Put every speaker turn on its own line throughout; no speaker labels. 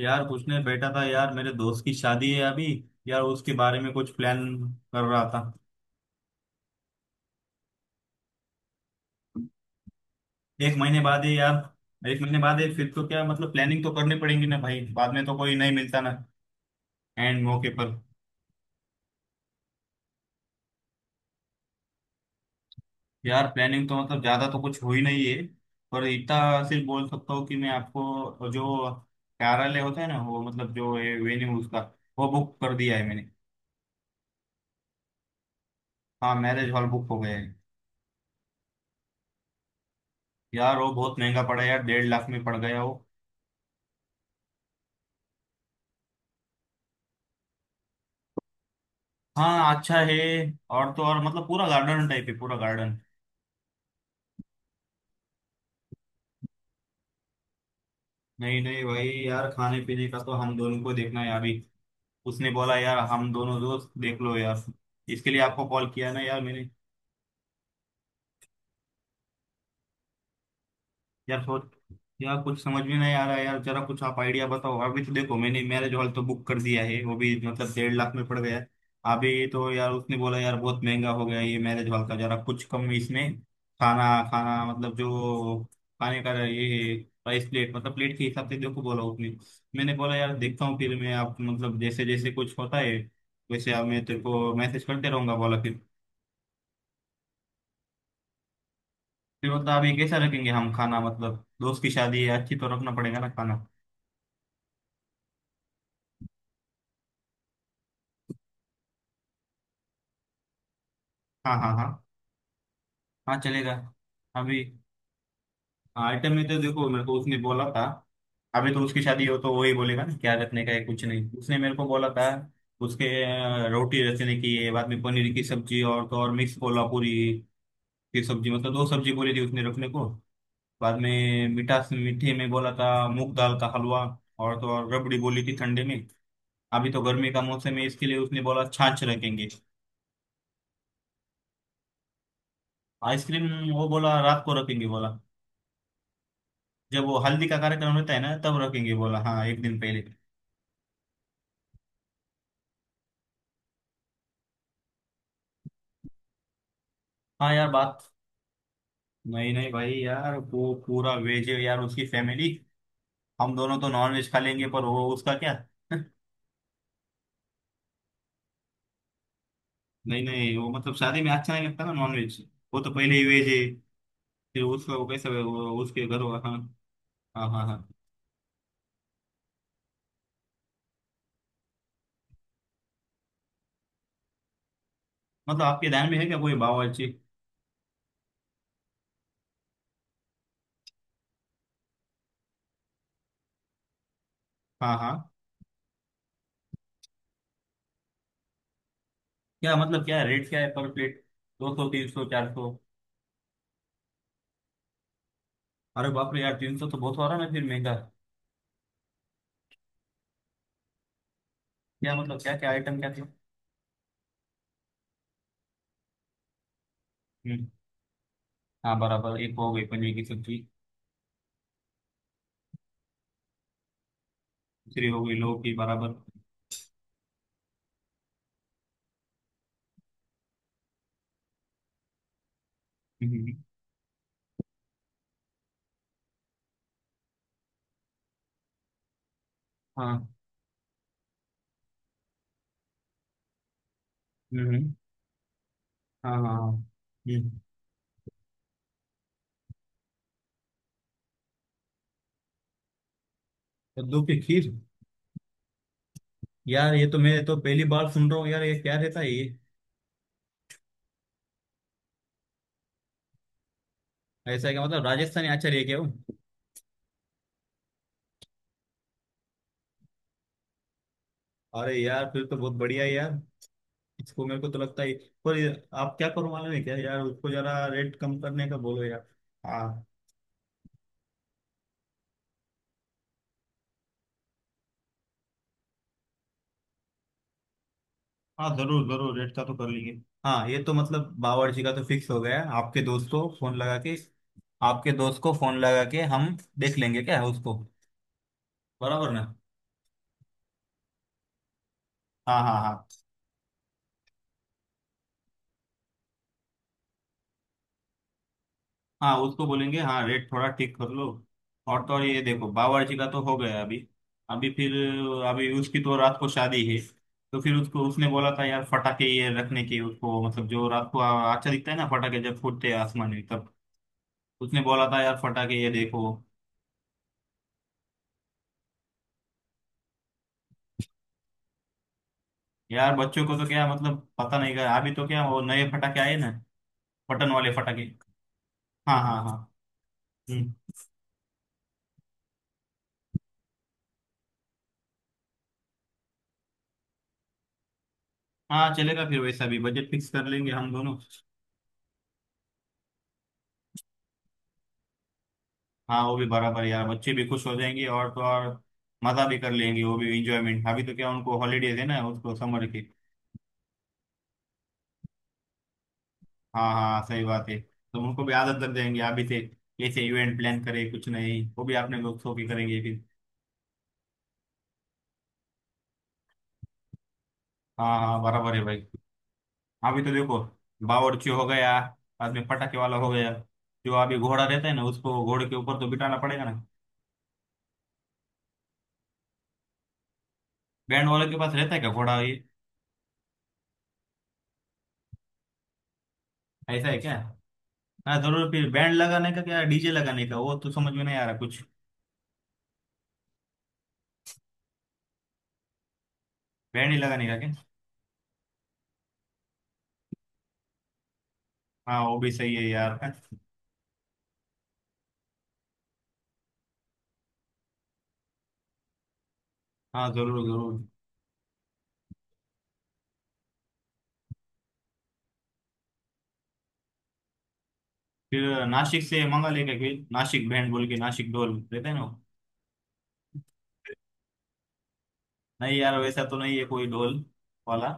यार पूछने बैठा था। यार मेरे दोस्त की शादी है अभी। यार उसके बारे में कुछ प्लान कर रहा था। एक महीने बाद है यार। एक महीने बाद है। फिर तो क्या मतलब प्लानिंग तो करनी पड़ेगी ना भाई। बाद में तो कोई नहीं मिलता ना। एंड मौके पर। यार प्लानिंग तो मतलब ज्यादा तो कुछ हुई नहीं है। पर इतना सिर्फ बोल सकता हूँ कि मैं आपको जो कार्यालय होता है ना वो मतलब जो वेन्यू उसका वो बुक कर दिया है मैंने। हाँ मैरिज हॉल बुक हो गया है। यार वो बहुत महंगा पड़ा यार। 1.5 लाख में पड़ गया वो। हाँ अच्छा है। और तो और मतलब पूरा गार्डन टाइप है। पूरा गार्डन। नहीं नहीं भाई यार खाने पीने का तो हम दोनों को देखना है अभी। उसने बोला यार हम दोनों दोस्त देख लो यार। इसके लिए आपको कॉल किया ना यार मैंने। यार सोच। यार कुछ समझ में नहीं आ रहा है यार। जरा कुछ आप आइडिया बताओ। अभी तो देखो मैंने मैरिज हॉल तो बुक कर दिया है। वो भी मतलब 1.5 लाख में पड़ गया है। अभी तो यार उसने बोला यार बहुत महंगा हो गया ये मैरिज हॉल का। जरा कुछ कम इसमें। खाना। खाना मतलब जो खाने का ये प्राइस प्लेट मतलब प्लेट के हिसाब से देखो बोला उसने। मैंने बोला यार देखता हूँ। फिर मैं आप मतलब जैसे जैसे कुछ होता है वैसे आप मैं तेरे को मैसेज करते रहूंगा बोला फिर। फिर मतलब अभी कैसा रखेंगे हम खाना। मतलब दोस्त की शादी है अच्छी तो रखना पड़ेगा ना खाना। हाँ हाँ हाँ। हाँ चलेगा। अभी आइटम में तो देखो मेरे को उसने बोला था। अभी तो उसकी शादी हो तो वही बोलेगा ना क्या रखने का है। कुछ नहीं उसने मेरे को बोला था उसके रोटी रखने की है। बाद में पनीर की सब्जी और तो और मिक्स कोल्हापुरी की सब्जी। मतलब दो सब्जी बोली थी उसने रखने को। बाद में मिठास मीठे में बोला था मूंग दाल का हलवा। और तो और रबड़ी बोली थी ठंडे में। अभी तो गर्मी का मौसम है। इसके लिए उसने बोला छाछ रखेंगे। आइसक्रीम। वो बोला रात को रखेंगे बोला। जब वो हल्दी का कार्यक्रम रहता है ना तब रखेंगे बोला। हाँ एक दिन पहले। हाँ यार बात। नहीं नहीं भाई यार वो पूरा वेज है यार उसकी फैमिली। हम दोनों तो नॉन वेज खा लेंगे पर वो उसका क्या। नहीं नहीं वो मतलब शादी में अच्छा नहीं लगता ना नॉन वेज। वो तो पहले ही वेज है। फिर उसका वो कैसा है, वो उसके घर होगा हाँ। हाँ हाँ हाँ। मतलब आपके ध्यान में है क्या कोई बावर्ची। हाँ हाँ। क्या मतलब क्या रेट क्या है पर प्लेट। 200 300 400। अरे बाप रे यार 300 तो बहुत हो रहा है ना फिर महंगा। क्या मतलब क्या क्या आइटम क्या क्या। हम्म। हाँ बराबर एक हो गई पनीर की सब्जी। दूसरी हो गई लौकी बराबर। हम्म, हाँ हम्म, हाँ हाँ हाँ हम्म। कद्दू की खीर। यार ये तो मैं तो पहली बार सुन रहा हूँ यार ये क्या रहता है ये। ऐसा है क्या मतलब राजस्थानी आचार है क्या वो। अरे यार फिर तो बहुत बढ़िया है यार। इसको मेरे को तो लगता है। पर ये- आप क्या करो मालूम है क्या यार उसको जरा रेट कम करने का बोलो यार। हाँ। हाँ जरूर जरूर रेट का तो कर लेंगे। हाँ ये तो मतलब बावर्ची का तो फिक्स हो गया है। आपके दोस्त को फोन लगा के आपके दोस्त को फोन लगा के हम देख लेंगे क्या है उसको। बराबर ना। हाँ हाँ हाँ हाँ उसको बोलेंगे हाँ रेट थोड़ा ठीक कर लो। और तो और ये देखो बावर्ची का तो हो गया अभी। अभी फिर अभी उसकी तो रात को शादी है। तो फिर उसको उसने बोला था यार फटाके ये रखने की उसको मतलब जो रात को अच्छा दिखता है ना फटाके जब फूटते हैं आसमान में तब। उसने बोला था यार फटाके ये देखो। यार बच्चों को तो क्या मतलब पता नहीं क्या अभी तो क्या वो नए फटाके आए ना। बटन वाले फटाके। हाँ हाँ हाँ हम्म। हाँ चलेगा फिर वैसा भी बजट फिक्स कर लेंगे हम दोनों। हाँ वो भी बराबर यार बच्चे भी खुश हो जाएंगे और तो और मजा भी कर लेंगे वो भी इंजॉयमेंट। अभी तो क्या उनको हॉलीडेज है ना उसको समर की। हाँ हाँ सही बात है तो उनको भी आदत लग जाएंगे अभी से। ऐसे इवेंट प्लान करें कुछ नहीं वो भी अपने लोग सो के करेंगे फिर। हाँ हाँ बराबर है भाई। अभी तो देखो बावर्ची हो गया। बाद में पटाखे वाला हो गया। जो अभी घोड़ा रहता है ना उसको घोड़े के ऊपर तो बिठाना पड़ेगा ना। बैंड वाले के पास रहता है क्या घोड़ा ये। ऐसा है क्या। हाँ जरूर फिर बैंड लगाने का क्या डीजे लगाने का वो तो समझ में नहीं आ रहा कुछ। बैंड ही लगाने का क्या। हाँ वो भी सही है यार। हाँ जरूर जरूर। फिर नासिक से मंगा लेंगे फिर नासिक बैंड बोल के नासिक ढोल देते हैं ना वो? नहीं यार वैसा तो नहीं है कोई ढोल वाला।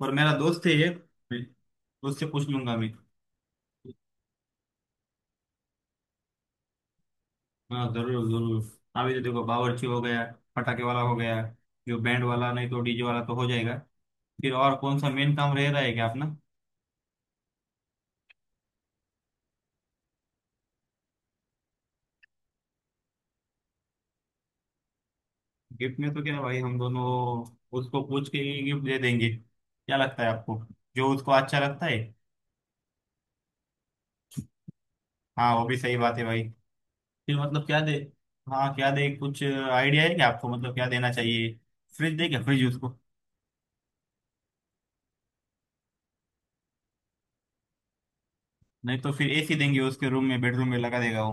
पर मेरा दोस्त है एक। मैं उससे पूछ लूंगा मैं। हाँ जरूर जरूर। अभी तो देखो बावर्ची हो गया। पटाखे वाला हो गया। जो बैंड वाला नहीं तो डीजे वाला तो हो जाएगा। फिर और कौन सा मेन काम रह रहा है क्या अपना। गिफ्ट में तो क्या भाई हम दोनों उसको पूछ के गिफ्ट दे देंगे क्या लगता है आपको जो उसको अच्छा लगता है। हाँ वो भी सही बात है भाई। फिर मतलब क्या दे। हाँ क्या दे कुछ आइडिया है क्या आपको मतलब क्या देना चाहिए। फ्रिज दे क्या फ्रिज उसको। नहीं तो फिर एसी देंगे उसके रूम में बेडरूम में लगा देगा वो।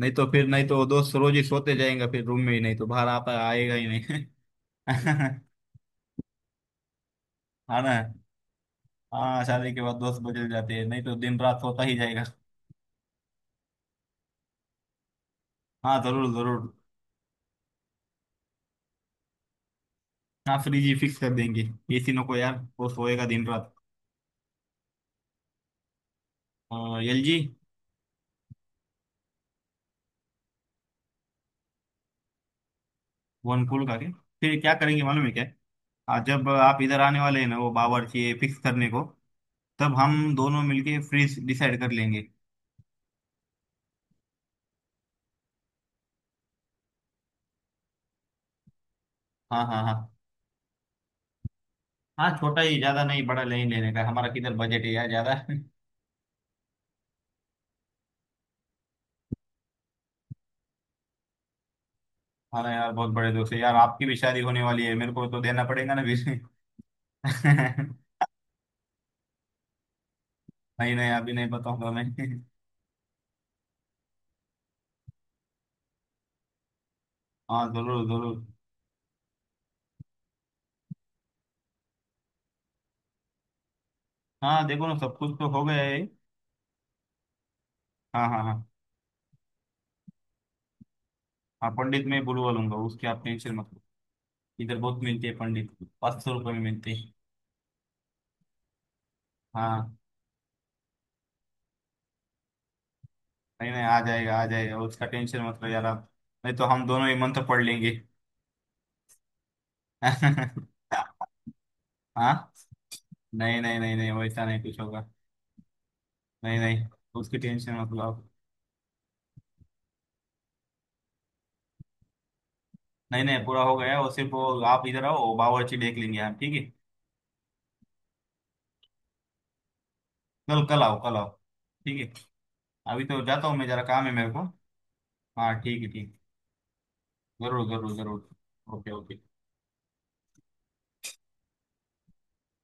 नहीं तो फिर नहीं तो वो दोस्त रोज ही सोते जाएगा फिर रूम में ही नहीं तो बाहर आता आएगा ही नहीं है ना। हाँ शादी के बाद दोस्त बदल जाते हैं नहीं तो दिन रात सोता ही जाएगा। हाँ जरूर जरूर। हाँ फ्रिज ही फिक्स कर देंगे। एसी नो को यार वो सोएगा दिन रात। L G. वन पूल का क्या। फिर क्या करेंगे मालूम है क्या। हाँ जब आप इधर आने वाले हैं ना वो बावर्ची फिक्स करने को तब हम दोनों मिलके फ्रीज डिसाइड कर लेंगे। हाँ हाँ हाँ। हाँ छोटा ही ज्यादा नहीं बड़ा नहीं लेने का है। हमारा किधर बजट है यार ज्यादा। हाँ यार बहुत बड़े दोस्त है यार आपकी भी शादी होने वाली है मेरे को तो देना पड़ेगा ना बीच में नहीं। नहीं अभी नहीं बताऊंगा मैं। हाँ जरूर जरूर। हाँ देखो ना सब कुछ तो हो गया है। हाँ हाँ हाँ। हाँ पंडित मैं बुलवा लूंगा उसकी आप टेंशन मत लो। इधर बहुत मिलते हैं पंडित। 500 रुपये में मिलते हैं। हाँ। नहीं नहीं आ जाएगा आ जाएगा उसका टेंशन मत लो यार आप। नहीं तो हम दोनों ही मंत्र पढ़ लेंगे। हाँ। नहीं नहीं नहीं नहीं वैसा नहीं कुछ होगा। नहीं नहीं उसकी टेंशन मत लो आप। नहीं नहीं पूरा हो गया वो सिर्फ वो। आप इधर आओ वो बावर्ची देख लेंगे हम ठीक है। कल कल आओ कल आओ। ठीक है। अभी तो जाता हूँ मैं जरा काम है मेरे को। हाँ ठीक है ठीक। जरूर जरूर जरूर। Okay okay.